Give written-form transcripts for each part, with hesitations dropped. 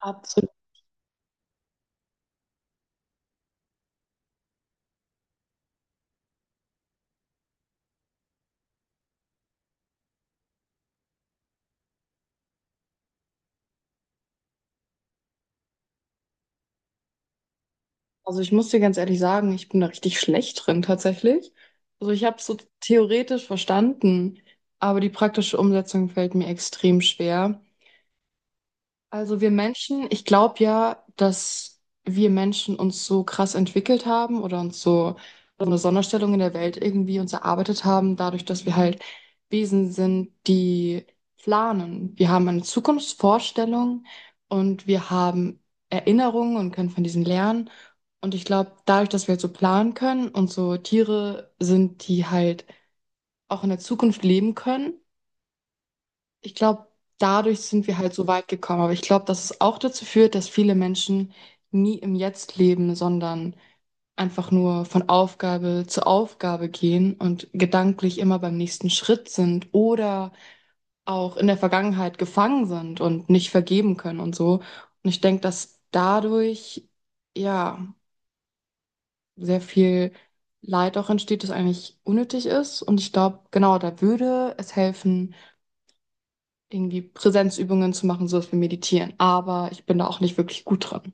Absolut. Also ich muss dir ganz ehrlich sagen, ich bin da richtig schlecht drin tatsächlich. Also ich habe es so theoretisch verstanden, aber die praktische Umsetzung fällt mir extrem schwer. Also wir Menschen, ich glaube ja, dass wir Menschen uns so krass entwickelt haben oder uns so eine Sonderstellung in der Welt irgendwie uns erarbeitet haben, dadurch, dass wir halt Wesen sind, die planen. Wir haben eine Zukunftsvorstellung und wir haben Erinnerungen und können von diesen lernen. Und ich glaube, dadurch, dass wir halt so planen können und so Tiere sind, die halt auch in der Zukunft leben können, ich glaube, dadurch sind wir halt so weit gekommen. Aber ich glaube, dass es auch dazu führt, dass viele Menschen nie im Jetzt leben, sondern einfach nur von Aufgabe zu Aufgabe gehen und gedanklich immer beim nächsten Schritt sind oder auch in der Vergangenheit gefangen sind und nicht vergeben können und so. Und ich denke, dass dadurch ja sehr viel Leid auch entsteht, das eigentlich unnötig ist. Und ich glaube, genau, da würde es helfen irgendwie Präsenzübungen zu machen, sowas wie Meditieren. Aber ich bin da auch nicht wirklich gut dran.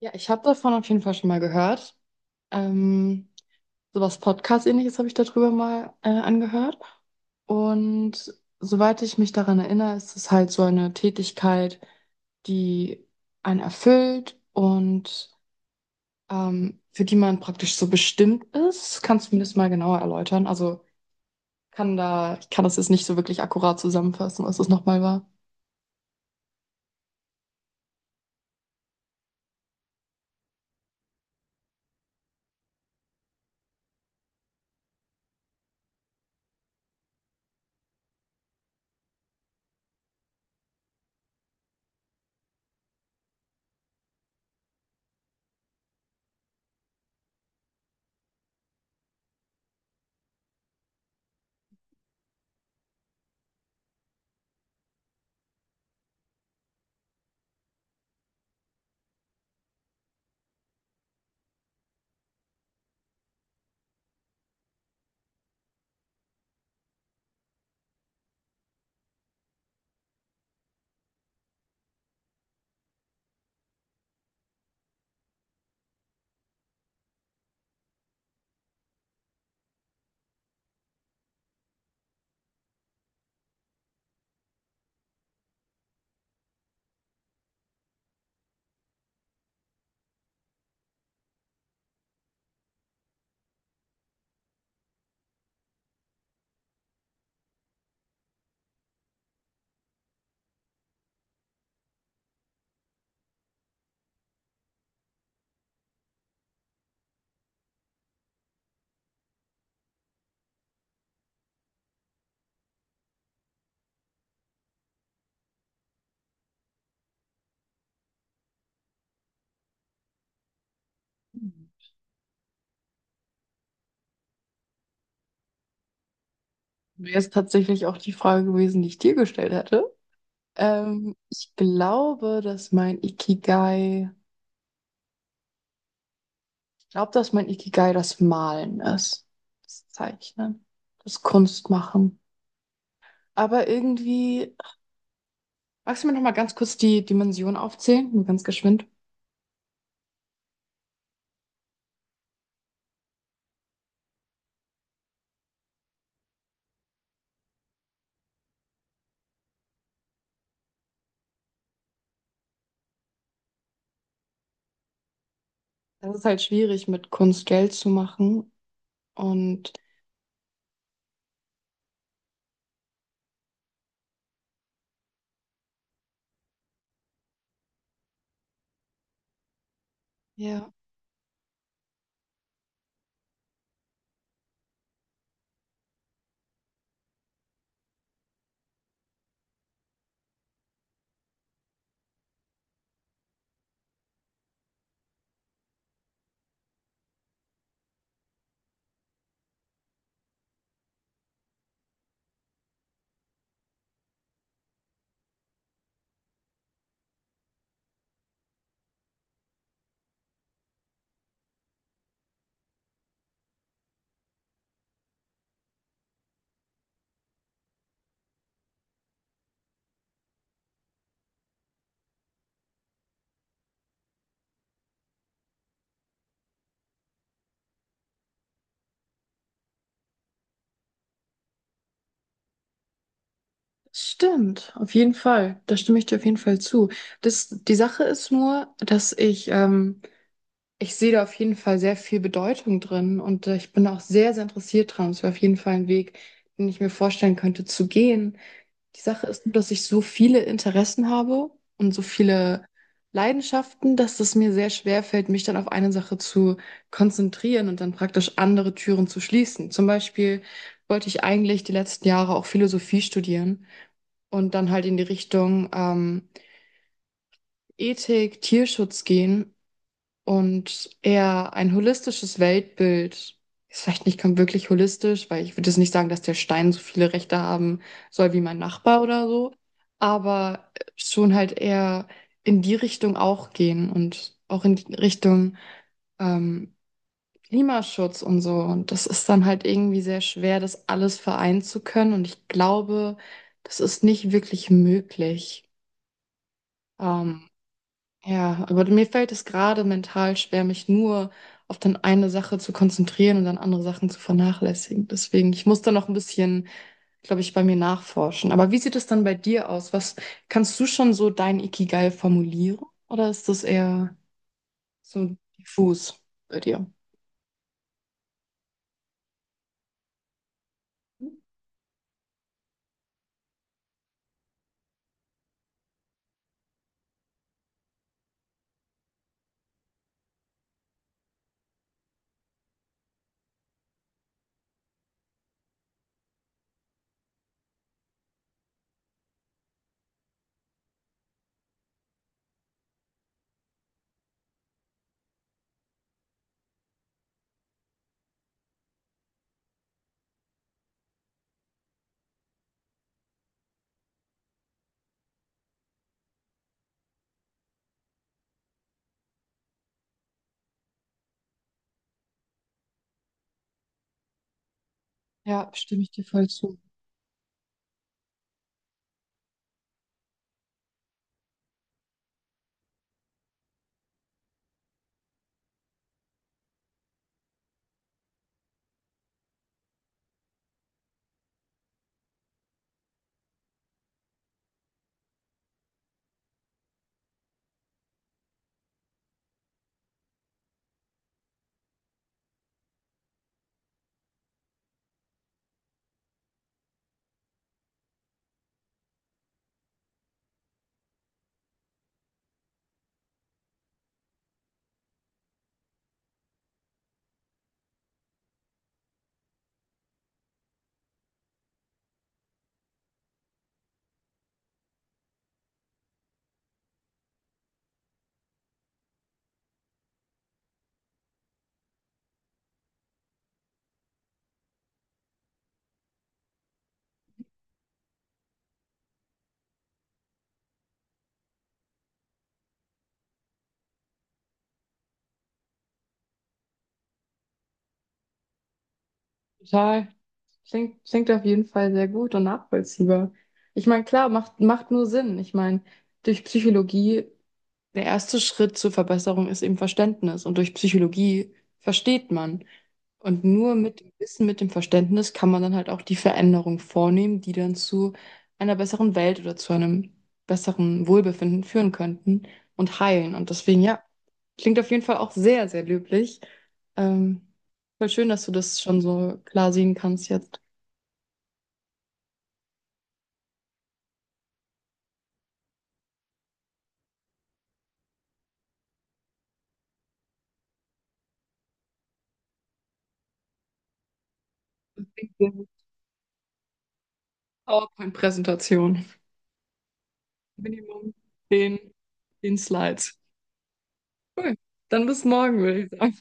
Ja, ich habe davon auf jeden Fall schon mal gehört. Ähm, Sowas Podcast-ähnliches habe ich darüber mal angehört. Und soweit ich mich daran erinnere, ist es halt so eine Tätigkeit, die einen erfüllt und für die man praktisch so bestimmt ist. Kannst du mir das mal genauer erläutern? Also ich kann das jetzt nicht so wirklich akkurat zusammenfassen, was das nochmal war. Wäre es tatsächlich auch die Frage gewesen, die ich dir gestellt hätte. Ich glaube, dass mein Ikigai, ich glaube, dass mein Ikigai das Malen ist. Das Zeichnen, das Kunstmachen. Aber irgendwie, magst du mir noch mal ganz kurz die Dimension aufzählen? Nur ganz geschwind. Das ist halt schwierig, mit Kunst Geld zu machen. Und ja, stimmt, auf jeden Fall. Da stimme ich dir auf jeden Fall zu. Das, die Sache ist nur, dass ich sehe da auf jeden Fall sehr viel Bedeutung drin und ich bin auch sehr, sehr interessiert dran. Es wäre auf jeden Fall ein Weg, den ich mir vorstellen könnte zu gehen. Die Sache ist nur, dass ich so viele Interessen habe und so viele Leidenschaften, dass es mir sehr schwer fällt, mich dann auf eine Sache zu konzentrieren und dann praktisch andere Türen zu schließen. Zum Beispiel wollte ich eigentlich die letzten Jahre auch Philosophie studieren und dann halt in die Richtung Ethik, Tierschutz gehen und eher ein holistisches Weltbild. Ist vielleicht nicht kom- wirklich holistisch, weil ich würde jetzt nicht sagen, dass der Stein so viele Rechte haben soll wie mein Nachbar oder so, aber schon halt eher in die Richtung auch gehen und auch in die Richtung ähm, Klimaschutz und so. Und das ist dann halt irgendwie sehr schwer, das alles vereinen zu können. Und ich glaube, das ist nicht wirklich möglich. Ähm, ja, aber mir fällt es gerade mental schwer, mich nur auf dann eine Sache zu konzentrieren und dann andere Sachen zu vernachlässigen. Deswegen, ich muss da noch ein bisschen, glaube ich, bei mir nachforschen. Aber wie sieht es dann bei dir aus? Was kannst du schon so dein Ikigai formulieren? Oder ist das eher so diffus bei dir? Ja, stimme ich dir voll zu. Total. Klingt, klingt auf jeden Fall sehr gut und nachvollziehbar. Ich meine, klar, macht nur Sinn. Ich meine, durch Psychologie. Der erste Schritt zur Verbesserung ist eben Verständnis. Und durch Psychologie versteht man. Und nur mit dem Wissen, mit dem Verständnis kann man dann halt auch die Veränderung vornehmen, die dann zu einer besseren Welt oder zu einem besseren Wohlbefinden führen könnten und heilen. Und deswegen, ja, klingt auf jeden Fall auch sehr, sehr löblich. Ähm, voll schön, dass du das schon so klar sehen kannst jetzt. PowerPoint-Präsentation. Minimum 10, 10 Slides. Cool. Dann bis morgen, würde ich sagen.